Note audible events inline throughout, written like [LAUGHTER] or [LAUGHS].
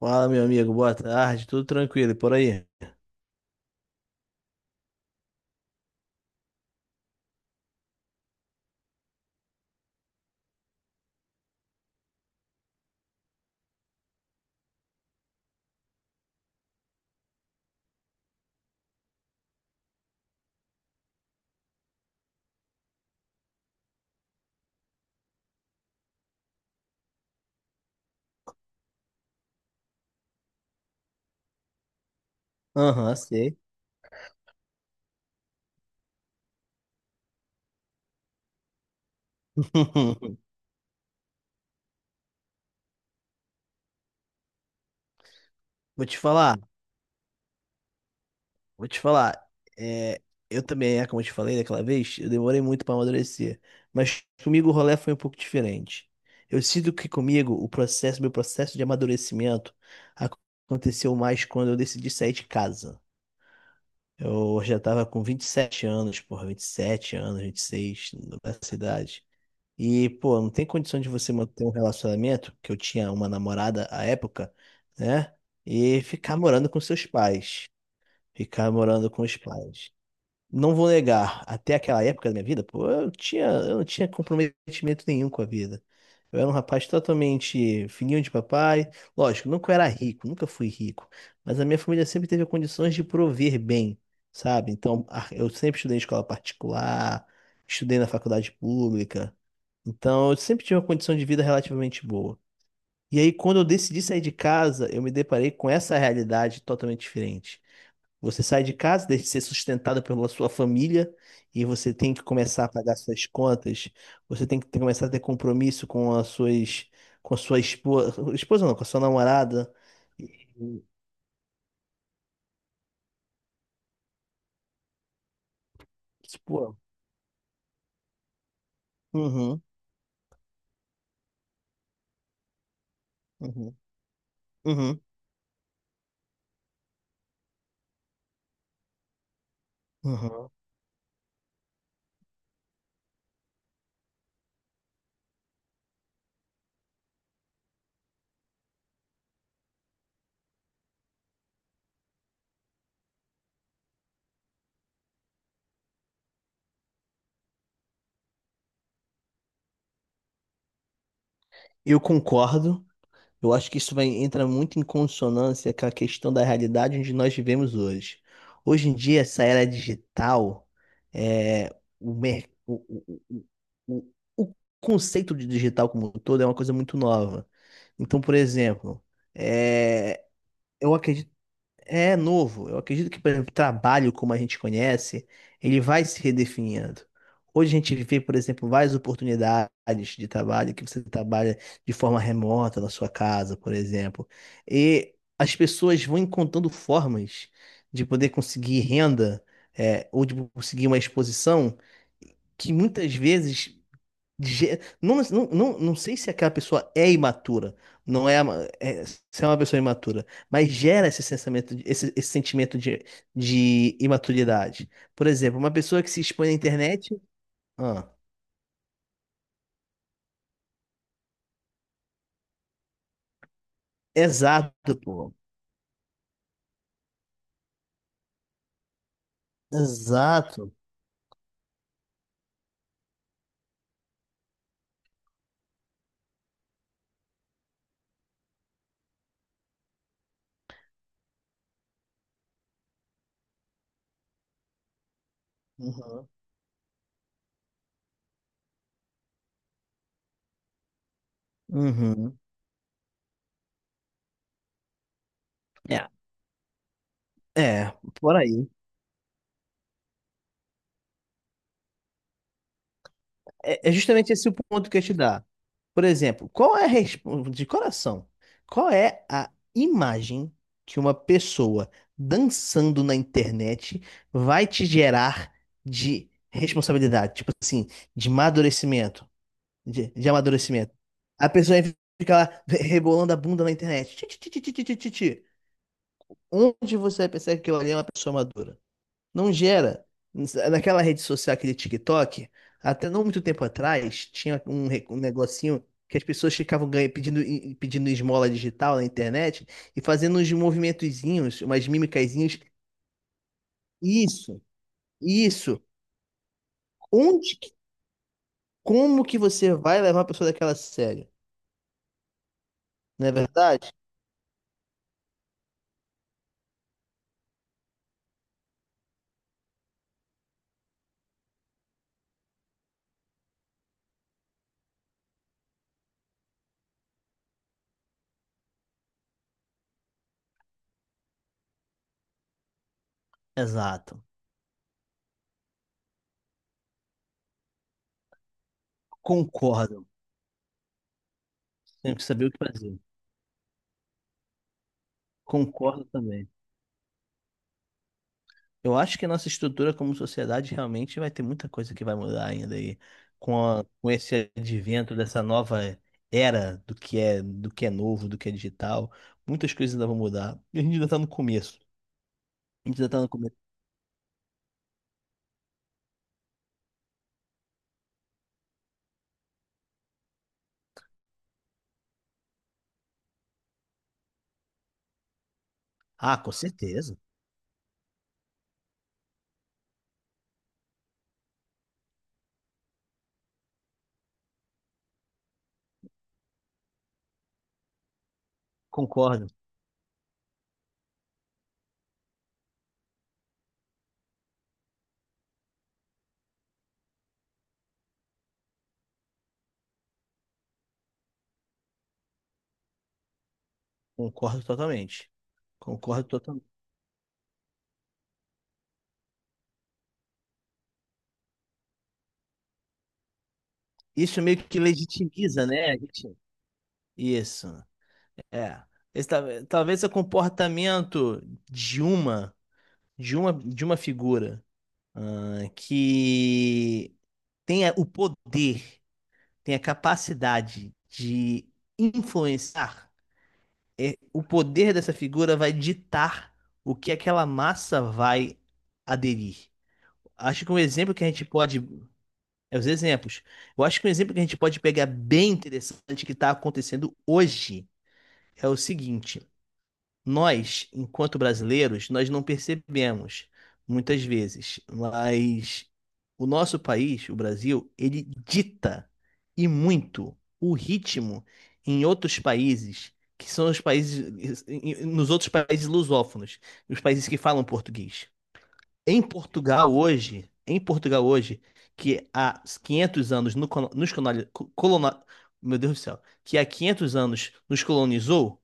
Fala, meu amigo, boa tarde, tudo tranquilo e por aí? Aham, sei. [LAUGHS] Vou te falar, vou te falar. É, eu também, como eu te falei daquela vez, eu demorei muito para amadurecer. Mas comigo o rolê foi um pouco diferente. Eu sinto que comigo meu processo de amadurecimento ac- aconteceu mais quando eu decidi sair de casa. Eu já estava com 27 anos, porra, 27 anos, 26 nessa idade. E, pô, não tem condição de você manter um relacionamento, que eu tinha uma namorada à época, né? E ficar morando com seus pais. Ficar morando com os pais. Não vou negar, até aquela época da minha vida, pô, eu não tinha comprometimento nenhum com a vida. Eu era um rapaz totalmente filhinho de papai. Lógico, nunca era rico, nunca fui rico. Mas a minha família sempre teve condições de prover bem, sabe? Então, eu sempre estudei em escola particular, estudei na faculdade pública. Então, eu sempre tive uma condição de vida relativamente boa. E aí, quando eu decidi sair de casa, eu me deparei com essa realidade totalmente diferente. Você sai de casa, deixa de ser sustentado pela sua família, e você tem que começar a pagar suas contas, você tem que começar a ter compromisso com as suas, com a sua esposa, esposa não, com a sua namorada. E, pô, uhum, uhum, uhum, uhum. Eu concordo. Eu acho que entra muito em consonância com a questão da realidade onde nós vivemos hoje. Hoje em dia, essa era digital, é, o, mer- o, o, o o conceito de digital como um todo é uma coisa muito nova. Então, por exemplo, é, eu acredito é novo. Eu acredito que, por exemplo, trabalho como a gente conhece, ele vai se redefinindo. Hoje a gente vê, por exemplo, várias oportunidades de trabalho que você trabalha de forma remota na sua casa, por exemplo. E as pessoas vão encontrando formas de poder conseguir renda, ou de conseguir uma exposição que muitas vezes Não, não, não, não sei se aquela pessoa é imatura, não é, ama- é- se é uma pessoa imatura, mas gera esse sensamento, esse sentimento de imaturidade. Por exemplo, uma pessoa que se expõe na internet. Ah, exato, pô. Exato. Uhum. Uhum. É, é, por aí. É justamente esse o ponto que eu ia te dar. Por exemplo, qual é a resp- de coração? Qual é a imagem que uma pessoa dançando na internet vai te gerar de responsabilidade? Tipo assim, de amadurecimento, de amadurecimento. A pessoa fica lá rebolando a bunda na internet. Ti, ti, ti, ti, ti, ti, ti, ti. Onde você vai pensar que aquilo ali é uma pessoa madura? Não gera. Naquela rede social, aquele TikTok, até não muito tempo atrás, tinha um negocinho que as pessoas pedindo, pedindo esmola digital na internet e fazendo uns movimentozinhos, umas mimicazinhas. Isso, isso. Onde, que- como que você vai levar a pessoa daquela a sério? Não é verdade? Exato. Concordo. Tem que saber o que fazer. Concordo também. Eu acho que a nossa estrutura como sociedade realmente vai ter muita coisa que vai mudar ainda aí com, com esse advento dessa nova era do que é novo, do que é digital. Muitas coisas ainda vão mudar. E a gente ainda está no começo. A gente ainda está no começo. Ah, com certeza. Concordo. Concordo totalmente. Concordo totalmente. Isso meio que legitimiza, né? A gente? Isso. É. Talvez o comportamento de uma, de uma figura que o poder, tem a capacidade de influenciar, o poder dessa figura vai ditar o que aquela massa vai aderir. Acho que um exemplo que a gente pode. É os exemplos. Eu acho que um exemplo que a gente pode pegar bem interessante que está acontecendo hoje é o seguinte. Nós, enquanto brasileiros, nós não percebemos muitas vezes, mas o nosso país, o Brasil, ele dita e muito o ritmo em outros países, que são os países, nos outros países lusófonos, os países que falam português. Em Portugal hoje, que há 500 anos no, colo- nos colonizou, meu Deus do céu, que há 500 anos nos colonizou.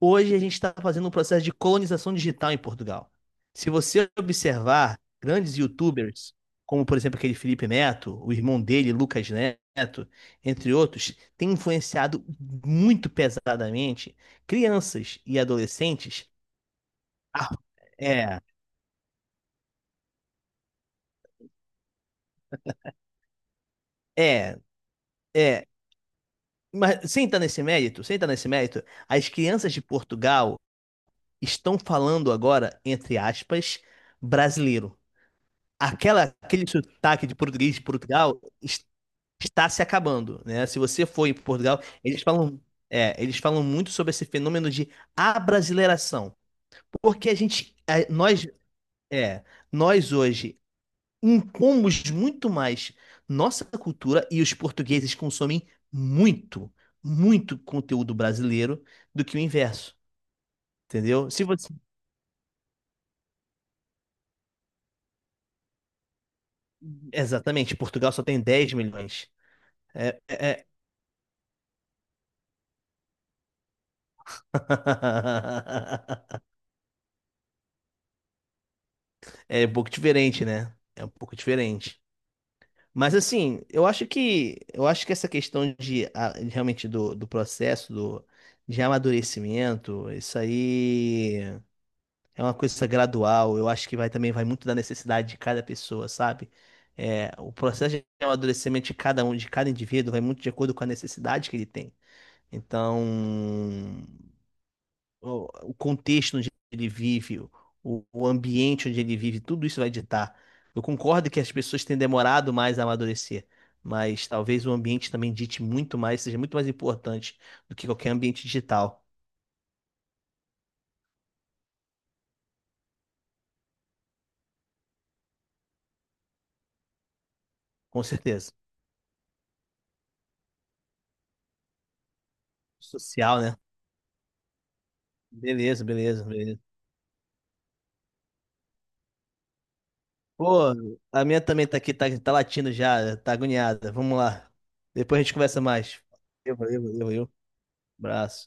Hoje a gente está fazendo um processo de colonização digital em Portugal. Se você observar grandes YouTubers, como por exemplo aquele Felipe Neto, o irmão dele, Lucas Neto, entre outros, tem influenciado muito pesadamente crianças e adolescentes. a- é, é, é. Mas sem estar nesse mérito, sem estar nesse mérito, as crianças de Portugal estão falando agora, entre aspas, brasileiro. Aquele sotaque de português de Portugal está se acabando, né? Se você foi para Portugal, eles falam, eles falam muito sobre esse fenômeno de abrasileiração, porque a gente, é, nós hoje impomos muito mais nossa cultura e os portugueses consomem muito, muito conteúdo brasileiro do que o inverso, entendeu? Se você, exatamente, Portugal só tem 10 milhões. É. [LAUGHS] É um pouco diferente, né? É um pouco diferente. Mas assim, eu acho que essa questão realmente do processo de amadurecimento, isso aí é uma coisa gradual. Eu acho que vai também vai muito da necessidade de cada pessoa, sabe? É, o processo de amadurecimento de cada um, de cada indivíduo, vai muito de acordo com a necessidade que ele tem. Então, o contexto onde ele vive, o ambiente onde ele vive, tudo isso vai ditar. Eu concordo que as pessoas têm demorado mais a amadurecer, mas talvez o ambiente também dite muito mais, seja muito mais importante do que qualquer ambiente digital, com certeza. Social, né? Beleza, beleza, beleza. Pô, a minha também tá aqui, tá latindo já, tá agoniada. Vamos lá. Depois a gente conversa mais. Eu, eu. Abraço.